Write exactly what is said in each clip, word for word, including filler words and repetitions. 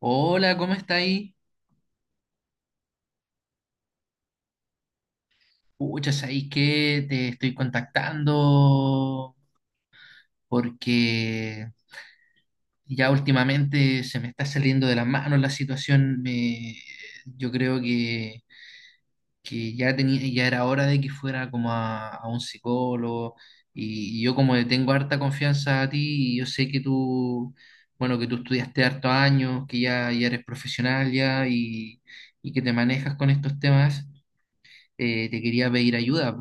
Hola, ¿cómo está ahí? Pucha, ¿sabéis que te estoy contactando? Porque ya últimamente se me está saliendo de las manos la situación. Me, yo creo que, que ya tenía, ya era hora de que fuera como a, a un psicólogo. Y, y yo como le tengo harta confianza a ti, y yo sé que tú, bueno, que tú estudiaste hartos años, que ya, ya eres profesional ya y, y que te manejas con estos temas, eh, te quería pedir ayuda.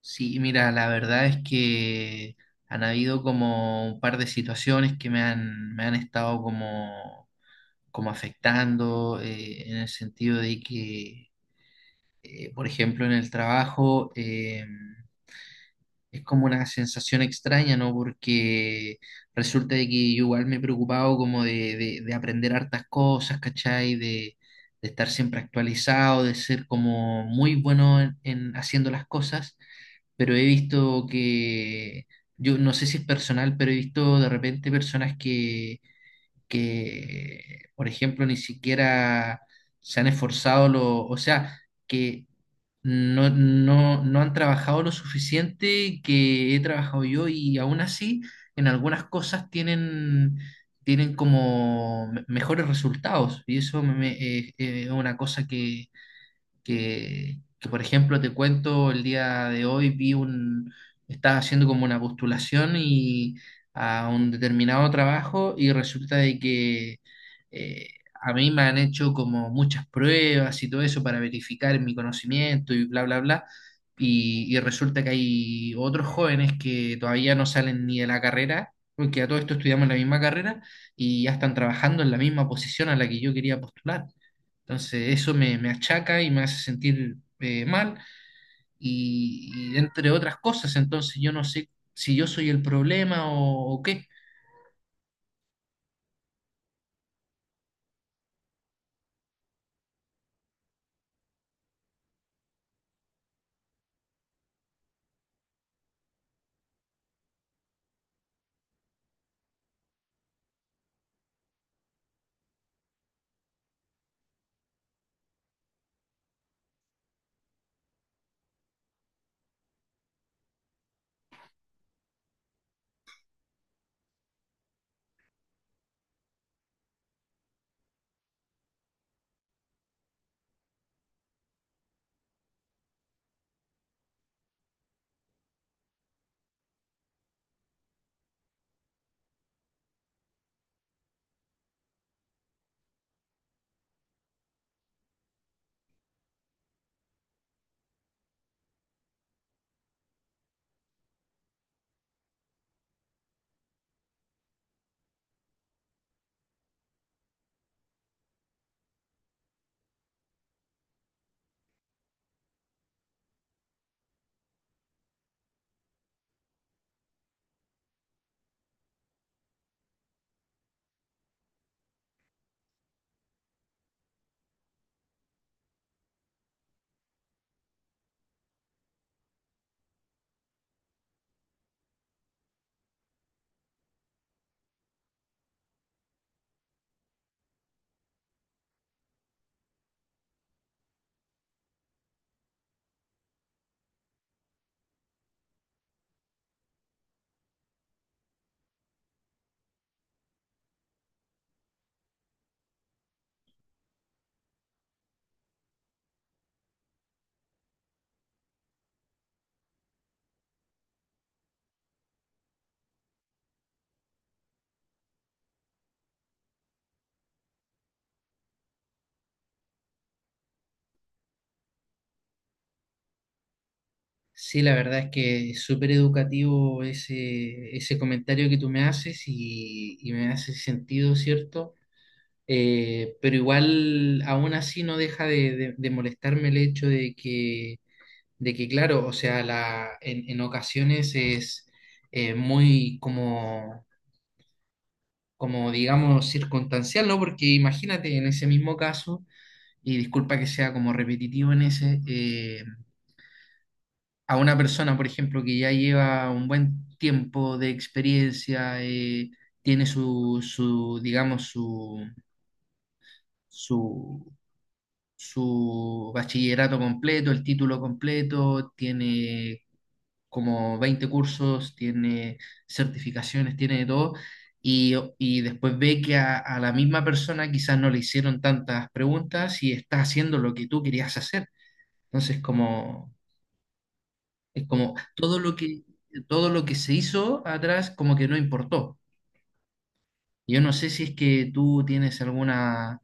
Sí, mira, la verdad es que han habido como un par de situaciones que me han, me han estado como, como afectando, eh, en el sentido de que, eh, por ejemplo, en el trabajo, eh, es como una sensación extraña, ¿no? Porque resulta de que yo igual me he preocupado como de, de- de aprender hartas cosas, ¿cachai? De, de estar siempre actualizado, de ser como muy bueno en en haciendo las cosas pero he visto que, yo no sé si es personal, pero he visto de repente personas que, que, por ejemplo, ni siquiera se han esforzado, lo, o sea, que no, no, no han trabajado lo suficiente que he trabajado yo y aún así en algunas cosas tienen, tienen como me- mejores resultados y eso me- me- eh, eh, es una cosa que que, que, por ejemplo, te cuento, el día de hoy vi un, estaba haciendo como una postulación y a un determinado trabajo y resulta de que eh, a mí me han hecho como muchas pruebas y todo eso para verificar mi conocimiento y bla, bla, bla. Y, y resulta que hay otros jóvenes que todavía no salen ni de la carrera, porque a todo esto estudiamos la misma carrera y ya están trabajando en la misma posición a la que yo quería postular. Entonces eso me, me achaca y me hace sentir eh, mal y, y entre otras cosas. Entonces yo no sé si yo soy el problema o, o qué. Sí, la verdad es que es súper educativo ese, ese comentario que tú me haces y, y me hace sentido, ¿cierto? Eh, pero igual, aún así, no deja de, de- de molestarme el hecho de que, de que claro, o sea, la, en, en ocasiones es eh, muy como como digamos circunstancial, ¿no? Porque imagínate en ese mismo caso, y disculpa que sea como repetitivo en ese, eh, a una persona, por ejemplo, que ya lleva un buen tiempo de experiencia, eh, tiene su, su, digamos, su, su, su bachillerato completo, el título completo, tiene como veinte cursos, tiene certificaciones, tiene de todo, y, y después ve que a, a la misma persona quizás no le hicieron tantas preguntas y está haciendo lo que tú querías hacer. Entonces, como, es como todo lo que, todo lo que se hizo atrás como que no importó. Yo no sé si es que tú tienes alguna,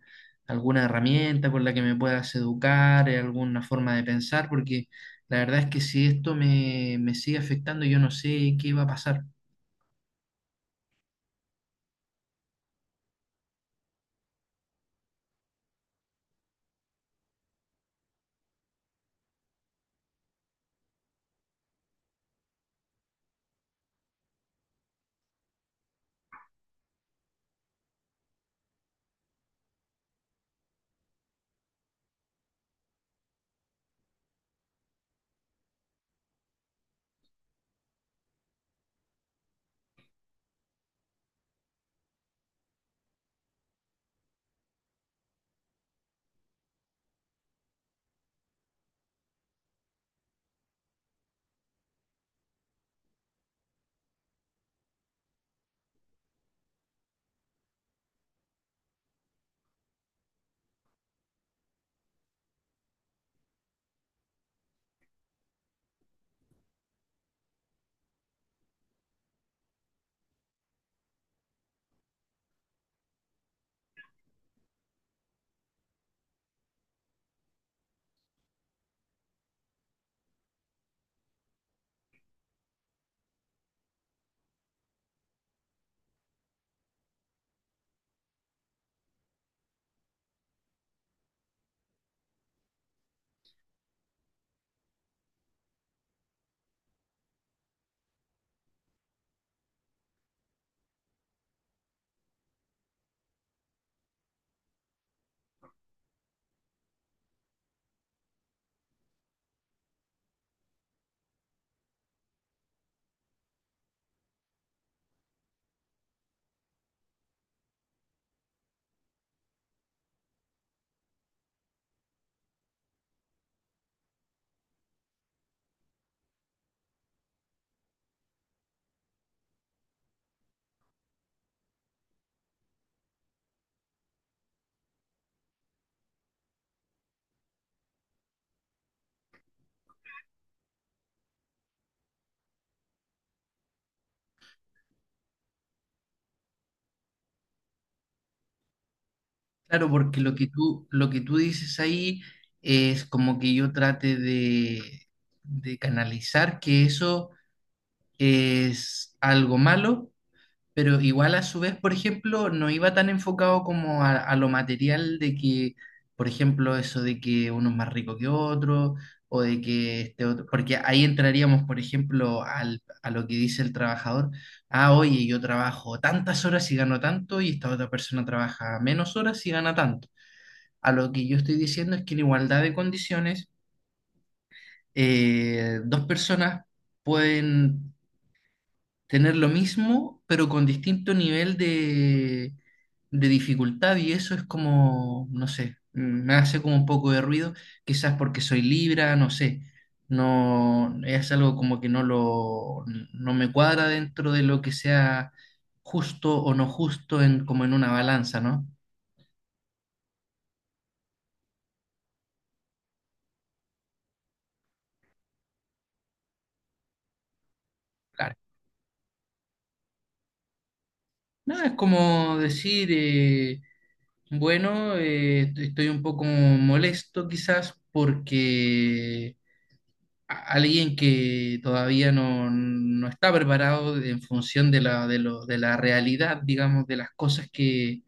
alguna herramienta con la que me puedas educar, eh, alguna forma de pensar, porque la verdad es que si esto me, me sigue afectando, yo no sé qué va a pasar. Claro, porque lo que tú, lo que tú dices ahí es como que yo trate de, de canalizar que eso es algo malo, pero igual a su vez, por ejemplo, no iba tan enfocado como a, a lo material de que, por ejemplo, eso de que uno es más rico que otro, o de que este otro, porque ahí entraríamos, por ejemplo, al, a lo que dice el trabajador, ah, oye, yo trabajo tantas horas y gano tanto, y esta otra persona trabaja menos horas y gana tanto. A lo que yo estoy diciendo es que en igualdad de condiciones, eh, dos personas pueden tener lo mismo, pero con distinto nivel de, de dificultad y eso es como, no sé, me hace como un poco de ruido, quizás porque soy Libra, no sé, no, es algo como que no lo, no me cuadra dentro de lo que sea justo o no justo en, como en una balanza, ¿no? Claro. No, es como decir... eh, bueno, eh, estoy un poco molesto quizás porque a- alguien que todavía no, no está preparado en función de la, de lo- de la realidad, digamos, de las cosas que,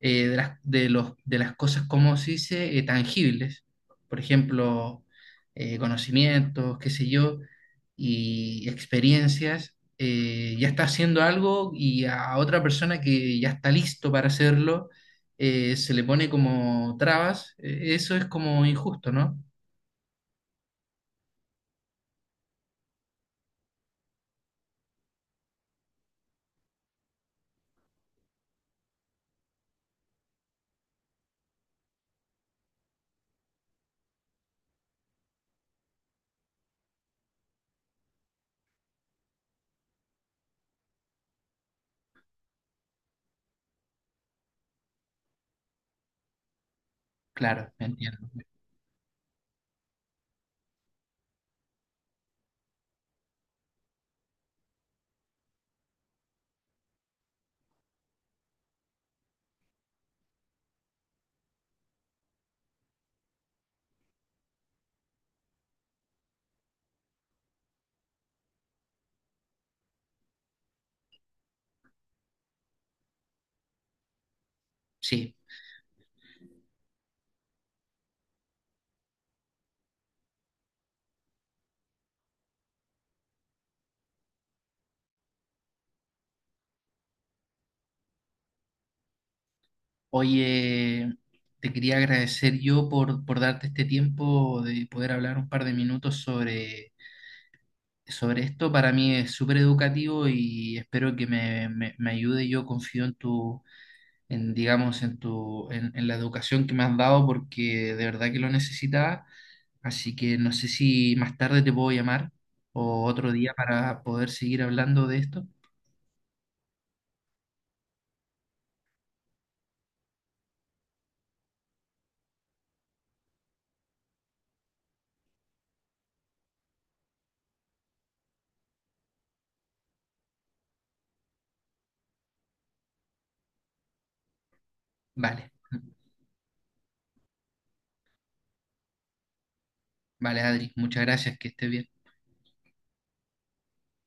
eh, de las, de los, de las cosas, como se dice, eh, tangibles, por ejemplo, eh, conocimientos, qué sé yo, y experiencias, eh, ya está haciendo algo y a otra persona que ya está listo para hacerlo, eh, se le pone como trabas. Eh, eso es como injusto, ¿no? Claro, entiendo. Sí. Oye, te quería agradecer yo por, por darte este tiempo de poder hablar un par de minutos sobre sobre esto. Para mí es súper educativo y espero que me, me, me ayude. Yo confío en tu, en, digamos, en tu, en, en la educación que me has dado porque de verdad que lo necesitaba. Así que no sé si más tarde te puedo llamar o otro día para poder seguir hablando de esto. Vale, vale, Adri, muchas gracias, que estés bien.